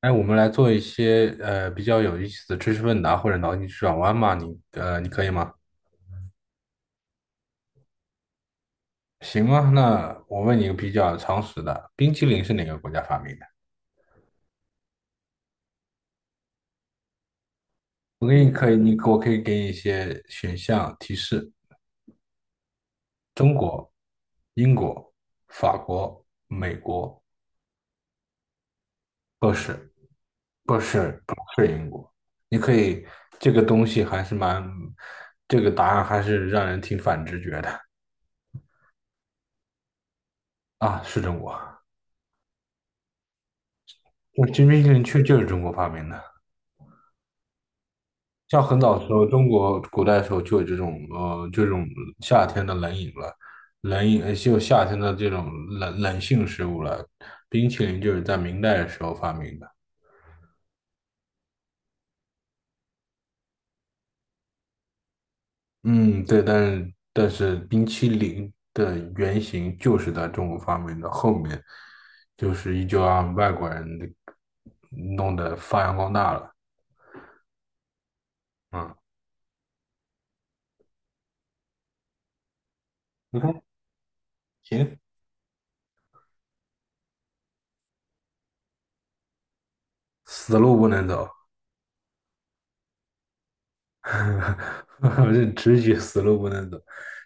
哎，我们来做一些比较有意思的知识问答或者脑筋急转弯嘛，你可以吗？行啊，那我问你一个比较常识的，冰淇淋是哪个国家发明的？我给你可以，我可以给你一些选项提示：中国、英国、法国、美国，不是不是不是英国。你可以，这个东西还是蛮，这个答案还是让人挺反直觉的。啊，是中国。这冰淇淋确就是中国发明的。像很早的时候，中国古代的时候就有这种夏天的冷饮了，冷饮就有夏天的这种冷性食物了。冰淇淋就是在明代的时候发明的。嗯，对，但是冰淇淋的原型就是在中国发明的，后面就是依旧让外国人的弄得发扬光大了。嗯，你看，行，死路不能走。这直觉死路不能走，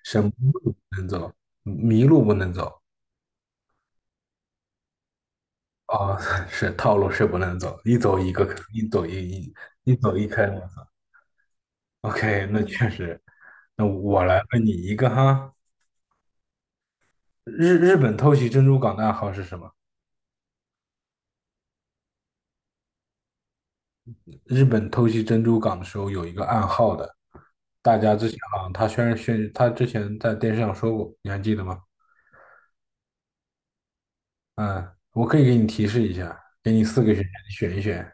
什么路不能走，迷路不能走啊、是套路是不能走，一走一个，一走一一一走一开我操。 OK，那确实，那我来问你一个哈，日本偷袭珍珠港的暗号是什么？日本偷袭珍珠港的时候有一个暗号的，大家之前好像他虽然宣他之前在电视上说过，你还记得吗？嗯，我可以给你提示一下，给你四个选项，你选一选。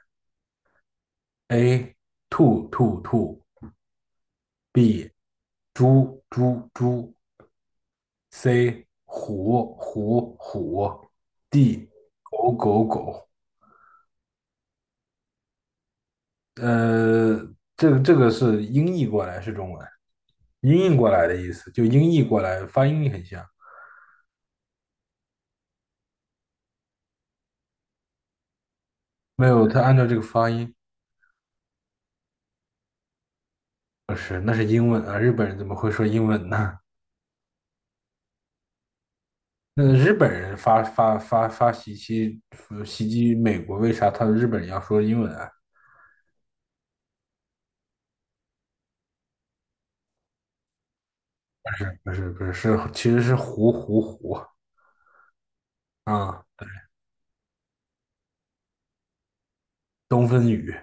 A 兔兔兔，B 猪猪猪，C 虎虎虎，D 狗狗狗。呃，这个是音译过来是中文，音译过来的意思，就音译过来发音很像。没有，他按照这个发音，不是，那是英文啊，日本人怎么会说英文呢？那日本人发发发发袭击美国，为啥他日本人要说英文啊？不是不是其实是胡胡胡啊，东风雨。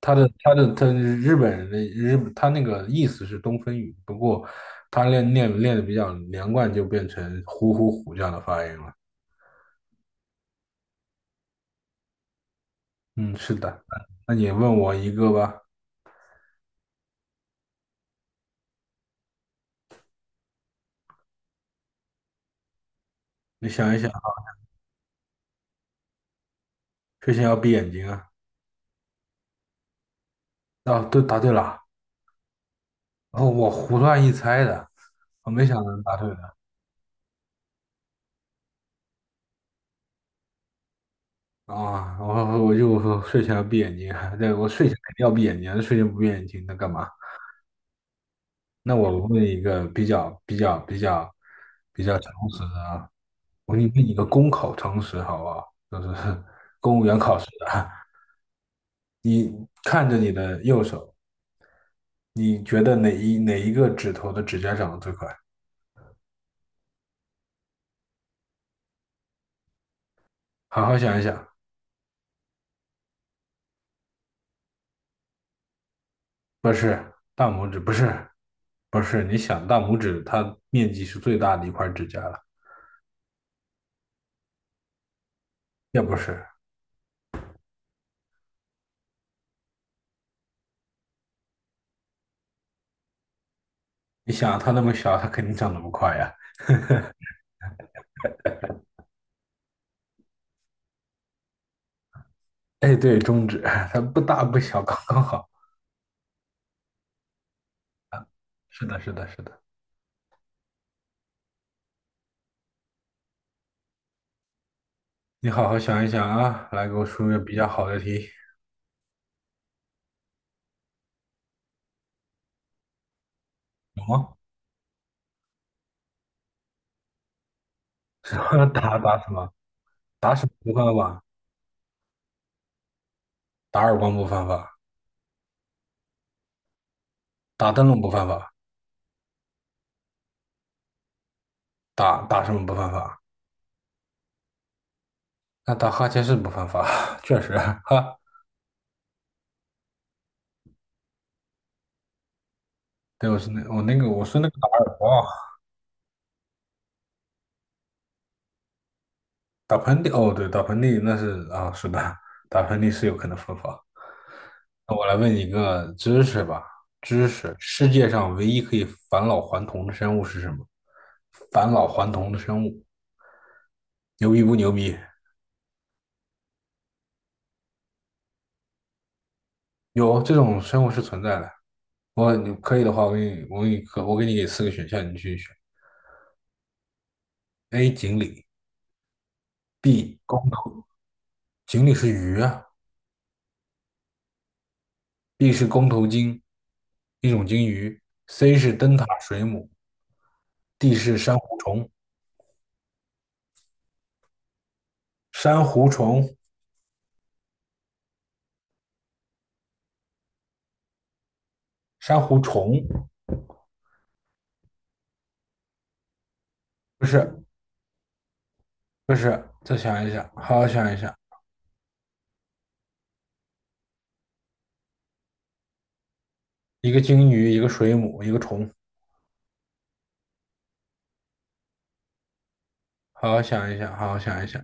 他的他的他，日本人的他那个意思是东风雨，不过他练的比较连贯，就变成虎虎虎这样的发音了。嗯，是的。那你问我一个吧，你想一想，睡前要闭眼睛啊？啊，对，答对了。哦，我胡乱一猜的，我没想到能答对的啊！我就说睡前要闭眼睛啊，对，我睡前肯定要闭眼睛，睡前不闭眼睛那干嘛？那我问一个比较诚实的啊，我给你问一个公考诚实好不好？就是 公务员考试的啊，你看着你的右手，你觉得哪一个指头的指甲长得最快？好好想一想，不是大拇指，不是不是，你想大拇指它面积是最大的一块指甲了，也不是，你想它那么小，它肯定长得不快呀。哎，对，中指，它不大不小，刚刚好。是的，是的，是的。你好好想一想啊，来给我出个比较好的题。有吗？打什么？打什么不犯法？打耳光不犯法，打灯笼不犯法，打什么不犯法？那打哈欠是不犯法，确实啊哈。对，我是那个打耳光，打喷嚏哦，对，打喷嚏那是啊，是的，打喷嚏是有可能犯法。那我来问你一个知识吧，知识，世界上唯一可以返老还童的生物是什么？返老还童的生物，牛逼不牛逼？有这种生物是存在的。你可以的话，我给你给四个选项，你去选。A. 锦鲤，B. 公头，锦鲤是鱼啊，B 是公头鲸，一种鲸鱼，C 是灯塔水母，D 是珊瑚虫，珊瑚虫，珊瑚虫，不是不是，再想一想，好好想一想，一个鲸鱼，一个水母，一个虫，好好想一想，好好想一想。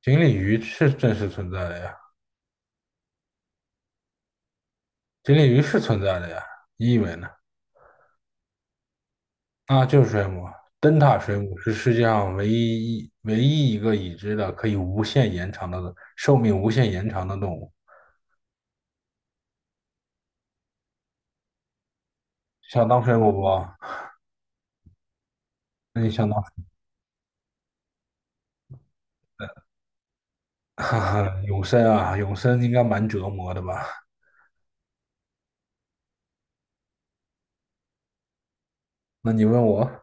锦鲤鱼是真实存在的呀，锦鲤鱼是存在的呀，你以为呢？啊，就是水母，灯塔水母是世界上唯一一个已知的可以无限延长的寿命无限延长的动物。想当水母不？那你想当，哈哈，永生啊，永生应该蛮折磨的吧？那你问我，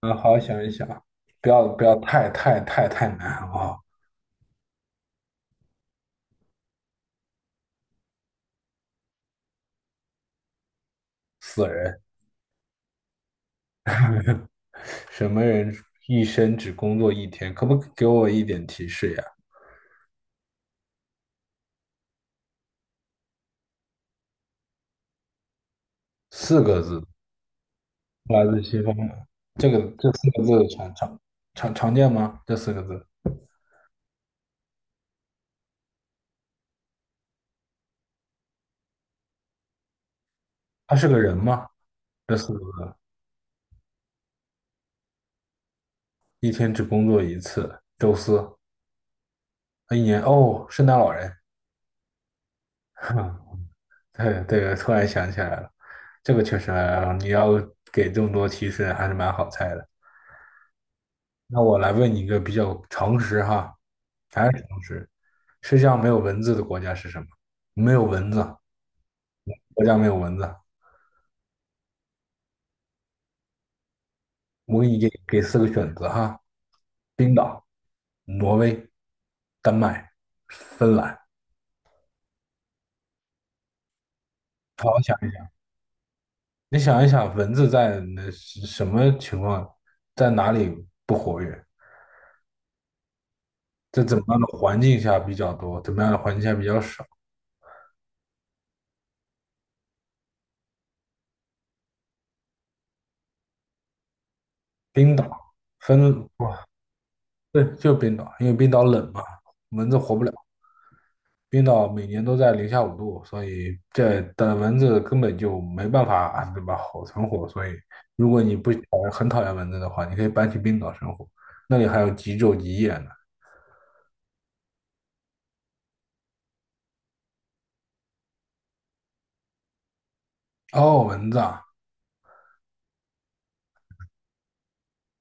嗯，好好想一想，不要太难，好不好？死人，什么人一生只工作一天？可不可以给我一点提示呀？四个字，来自西方的，这四个字常常见吗？这四个字，他是个人吗？这四个字，一天只工作一次，周四，一年哦，圣诞老人。对对，突然想起来了，这个确实啊，你要给这么多提示还是蛮好猜的。那我来问你一个比较常识哈，还是常识。世界上没有蚊子的国家是什么？没有蚊子，国家没有蚊子。我给你给四个选择哈：冰岛、挪威、丹麦、芬兰。好好想一想，你想一想，蚊子在那是什么情况，在哪里不活跃？在怎么样的环境下比较多？怎么样的环境下比较少？冰岛、哇，对，就是冰岛，因为冰岛冷嘛，蚊子活不了。冰岛每年都在零下5度，所以这的蚊子根本就没办法，啊对吧？好存活。所以，如果你不讨厌很讨厌蚊子的话，你可以搬去冰岛生活，那里还有极昼极夜呢。哦，蚊子啊，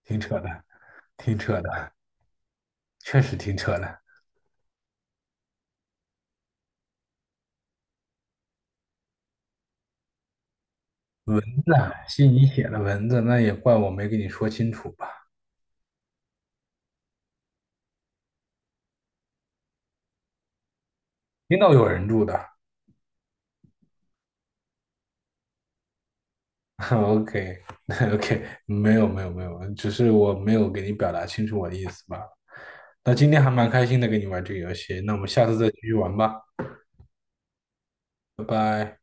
挺扯的，挺扯的，确实挺扯的。那吸你血的蚊子，那也怪我没跟你说清楚吧？冰岛有人住的，OK OK，没有没有没有，只是我没有给你表达清楚我的意思吧？那今天还蛮开心的跟你玩这个游戏，那我们下次再继续玩吧，拜拜。